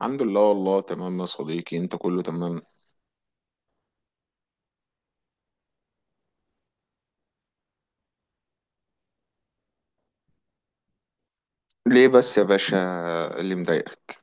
الحمد لله، والله تمام يا صديقي، انت كله تمام؟ ليه بس يا باشا؟ اللي مضايقك؟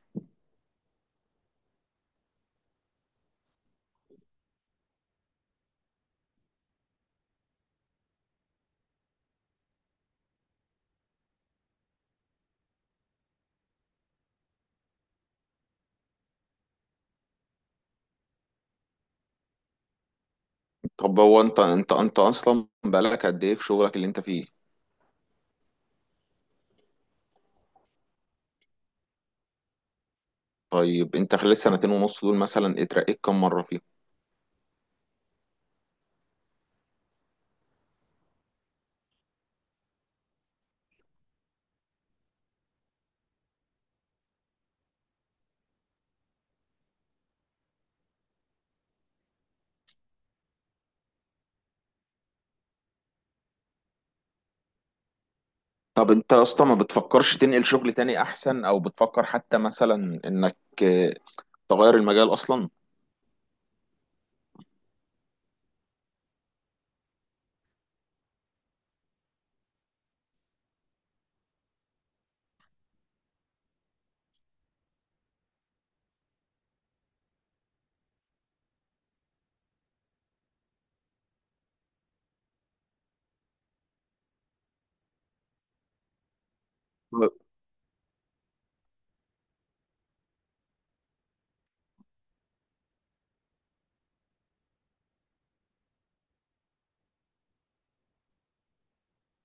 طب هو انت اصلا بقالك قد ايه في شغلك اللي انت فيه؟ طيب انت خلال السنتين ونص دول مثلا اترقيت كم مرة فيهم؟ طب انت اصلا ما بتفكرش تنقل شغل تاني احسن، او بتفكر حتى مثلا انك اه، تغير المجال اصلا؟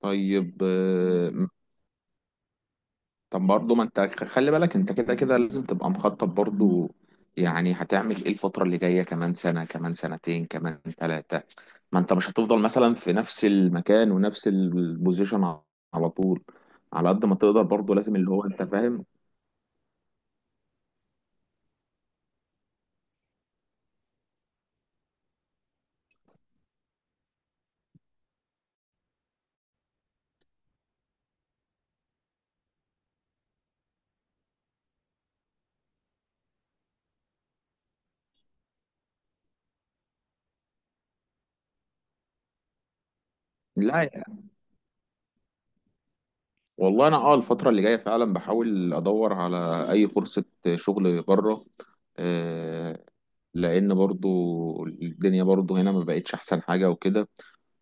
طيب. طب برضه، ما انت خلي بالك، انت كده كده لازم تبقى مخطط برضه. يعني هتعمل ايه الفترة اللي جاية؟ كمان سنة، كمان سنتين، كمان ثلاثة. ما انت مش هتفضل مثلا في نفس المكان ونفس البوزيشن. على طول، على قد ما تقدر برضه لازم، اللي هو انت فاهم. لا يا- والله انا الفترة اللي جاية فعلا بحاول ادور على اي فرصة شغل بره. آه، لان برضه الدنيا برضه هنا ما بقتش احسن حاجة وكده.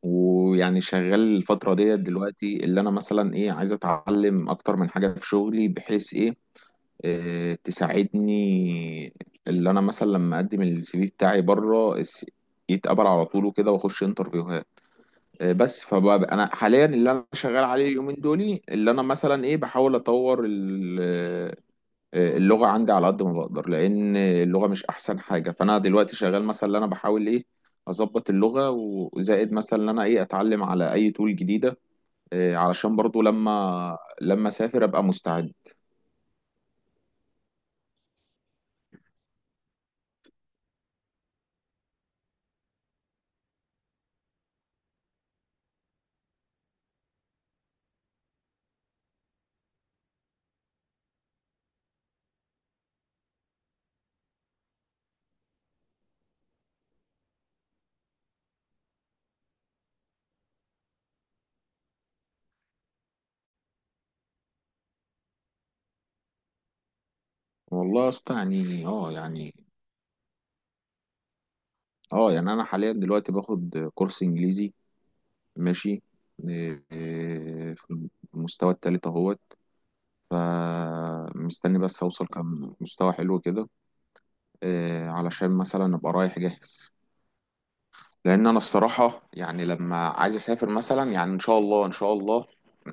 ويعني شغال الفترة ديت دلوقتي، اللي أنا مثلا إيه عايز أتعلم أكتر من حاجة في شغلي، بحيث إيه آه، تساعدني. اللي أنا مثلا لما أقدم السي في بتاعي بره يتقبل على طول وكده، وأخش انترفيوهات. بس فبقى أنا حاليا اللي أنا شغال عليه اليومين دول، اللي أنا مثلا إيه بحاول أطور اللغة عندي على قد ما بقدر، لأن اللغة مش أحسن حاجة. فأنا دلوقتي شغال مثلا، اللي أنا بحاول إيه أظبط اللغة. وزائد مثلا إن أنا إيه أتعلم على أي تول جديدة، علشان برضو لما أسافر أبقى مستعد. والله يا اسطى، يعني. أه يعني أه يعني أنا حاليا دلوقتي باخد كورس إنجليزي. ماشي. إيه، إيه، في المستوى التالت أهوت. فمستني بس أوصل كم مستوى حلو كده. علشان مثلا أبقى رايح جاهز. لان انا الصراحه يعني لما عايز اسافر مثلا، يعني ان شاء الله ان شاء الله.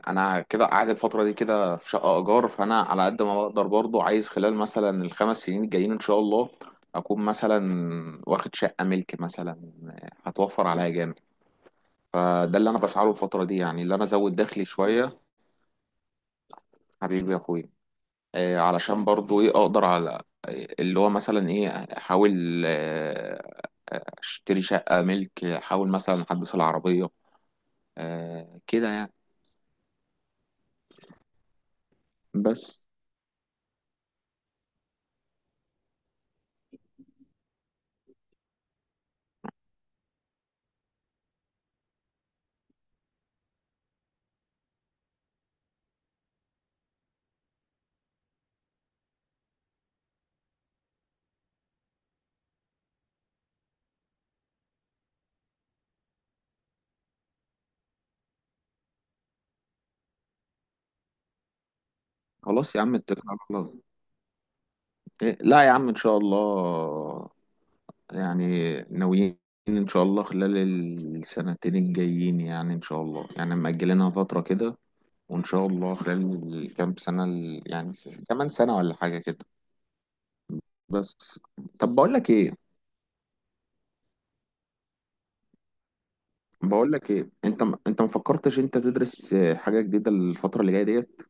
انا كده قاعد الفتره دي كده في شقه ايجار، فانا على قد ما بقدر برضو عايز خلال مثلا الخمس سنين الجايين ان شاء الله اكون مثلا واخد شقه ملك مثلا، هتوفر عليا جامد. فده اللي انا بسعى له الفتره دي، يعني اللي انا ازود دخلي شويه، حبيبي يا اخويا. علشان برضو ايه اقدر على اللي هو مثلا ايه احاول اشتري شقه ملك، احاول مثلا احدث العربيه. كده يعني. بس. خلاص يا عم، اتكل على الله. لا يا عم، ان شاء الله. يعني ناويين ان شاء الله خلال السنتين الجايين، يعني ان شاء الله، يعني مأجلينها فترة كده. وان شاء الله خلال الكام سنة يعني كمان سنة ولا حاجة كده. بس. طب بقول لك ايه. انت انت ما فكرتش انت تدرس حاجة جديدة الفترة اللي جاية ديت؟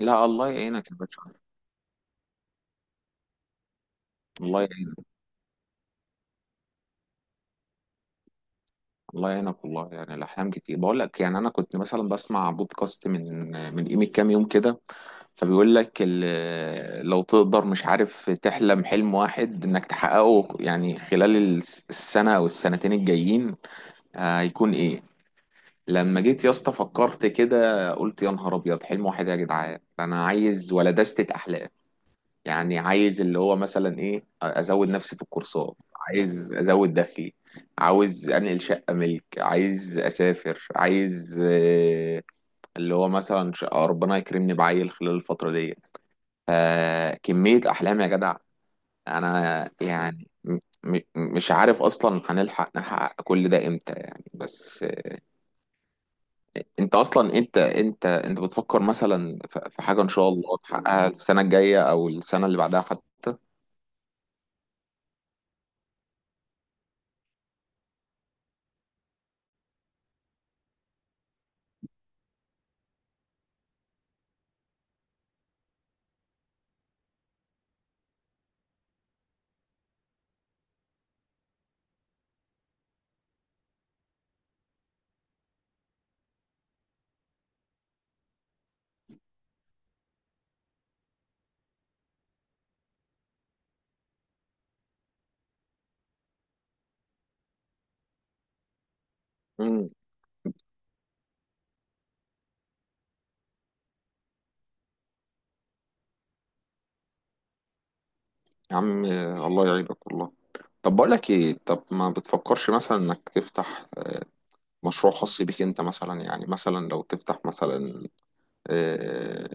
لا الله يعينك يا باشا. الله. الله يعينك، والله يعني الاحلام كتير. بقول لك يعني انا كنت مثلا بسمع بودكاست من قيمه كام يوم كده. فبيقول لك لو تقدر، مش عارف، تحلم حلم واحد انك تحققه يعني خلال السنه او السنتين الجايين هيكون ايه. لما جيت يا اسطى فكرت كده، قلت يا نهار ابيض، حلم واحد إيه يا جدعان؟ انا عايز ولا دستة احلام. يعني عايز اللي هو مثلا ايه ازود نفسي في الكورسات، عايز ازود دخلي، عاوز انقل شقة ملك، عايز اسافر، عايز اللي هو مثلا ربنا يكرمني بعيل خلال الفترة دي. فكمية احلام يا جدع. انا يعني م- مش عارف اصلا هنلحق نحقق كل ده امتى يعني. بس انت اصلا انت بتفكر مثلا في حاجة ان شاء الله تحققها السنة الجاية او السنة اللي بعدها حتى؟ يا عم الله يعيبك والله. طب بقول لك ايه، طب ما بتفكرش مثلا انك تفتح مشروع خاص بيك انت مثلا؟ يعني مثلا لو تفتح مثلا آه،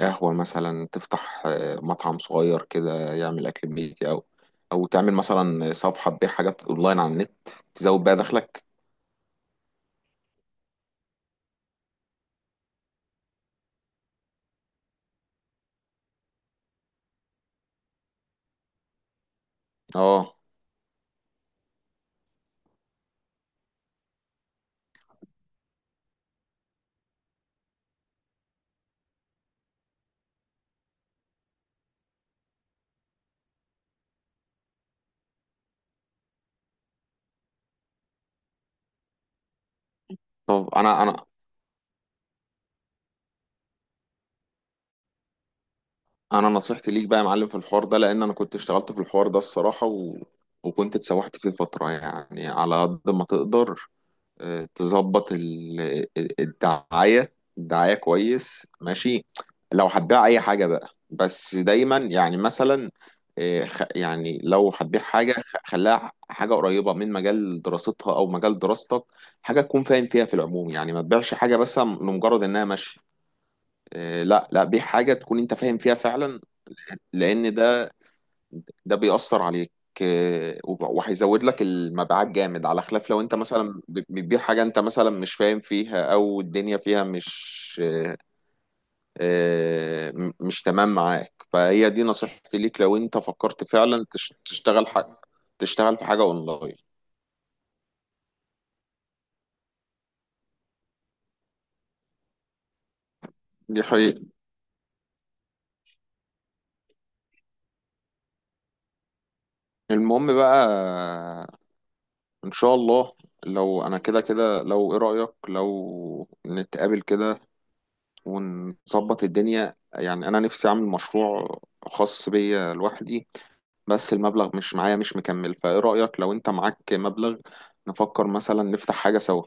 قهوة، مثلا تفتح مطعم صغير كده يعمل اكل بيتي، او او تعمل مثلا صفحة تبيع حاجات اونلاين على النت، تزود بيها دخلك. اه. طب انا، انا نصيحتي ليك بقى يا معلم في الحوار ده، لان انا كنت اشتغلت في الحوار ده الصراحة، وكنت اتسوحت فيه فترة. يعني على قد ما تقدر تظبط الدعاية. الدعاية كويس، ماشي. لو هتبيع أي حاجة بقى، بس دايما يعني مثلا يعني لو هتبيع حاجة، خليها حاجة قريبة من مجال دراستها أو مجال دراستك. حاجة تكون فاهم فيها في العموم، يعني ما تبيعش حاجة بس لمجرد إنها ماشية. لا لا، بيع حاجة تكون أنت فاهم فيها فعلا. لأن ده، بيأثر عليك وهيزود لك المبيعات جامد، على خلاف لو انت مثلا بتبيع حاجة انت مثلا مش فاهم فيها، او الدنيا فيها مش مش تمام معاك. فهي دي نصيحتي ليك لو انت فكرت فعلا تشتغل حاجة، تشتغل في حاجة اونلاين. دي حقيقة. المهم بقى، ان شاء الله لو انا كده كده، لو ايه رأيك لو نتقابل كده ونظبط الدنيا؟ يعني انا نفسي اعمل مشروع خاص بيا لوحدي، بس المبلغ مش معايا، مش مكمل، فايه رأيك لو انت معاك مبلغ نفكر مثلا نفتح حاجة سوا؟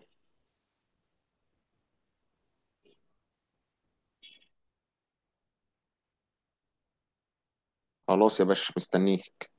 خلاص يا باشا، مستنيك.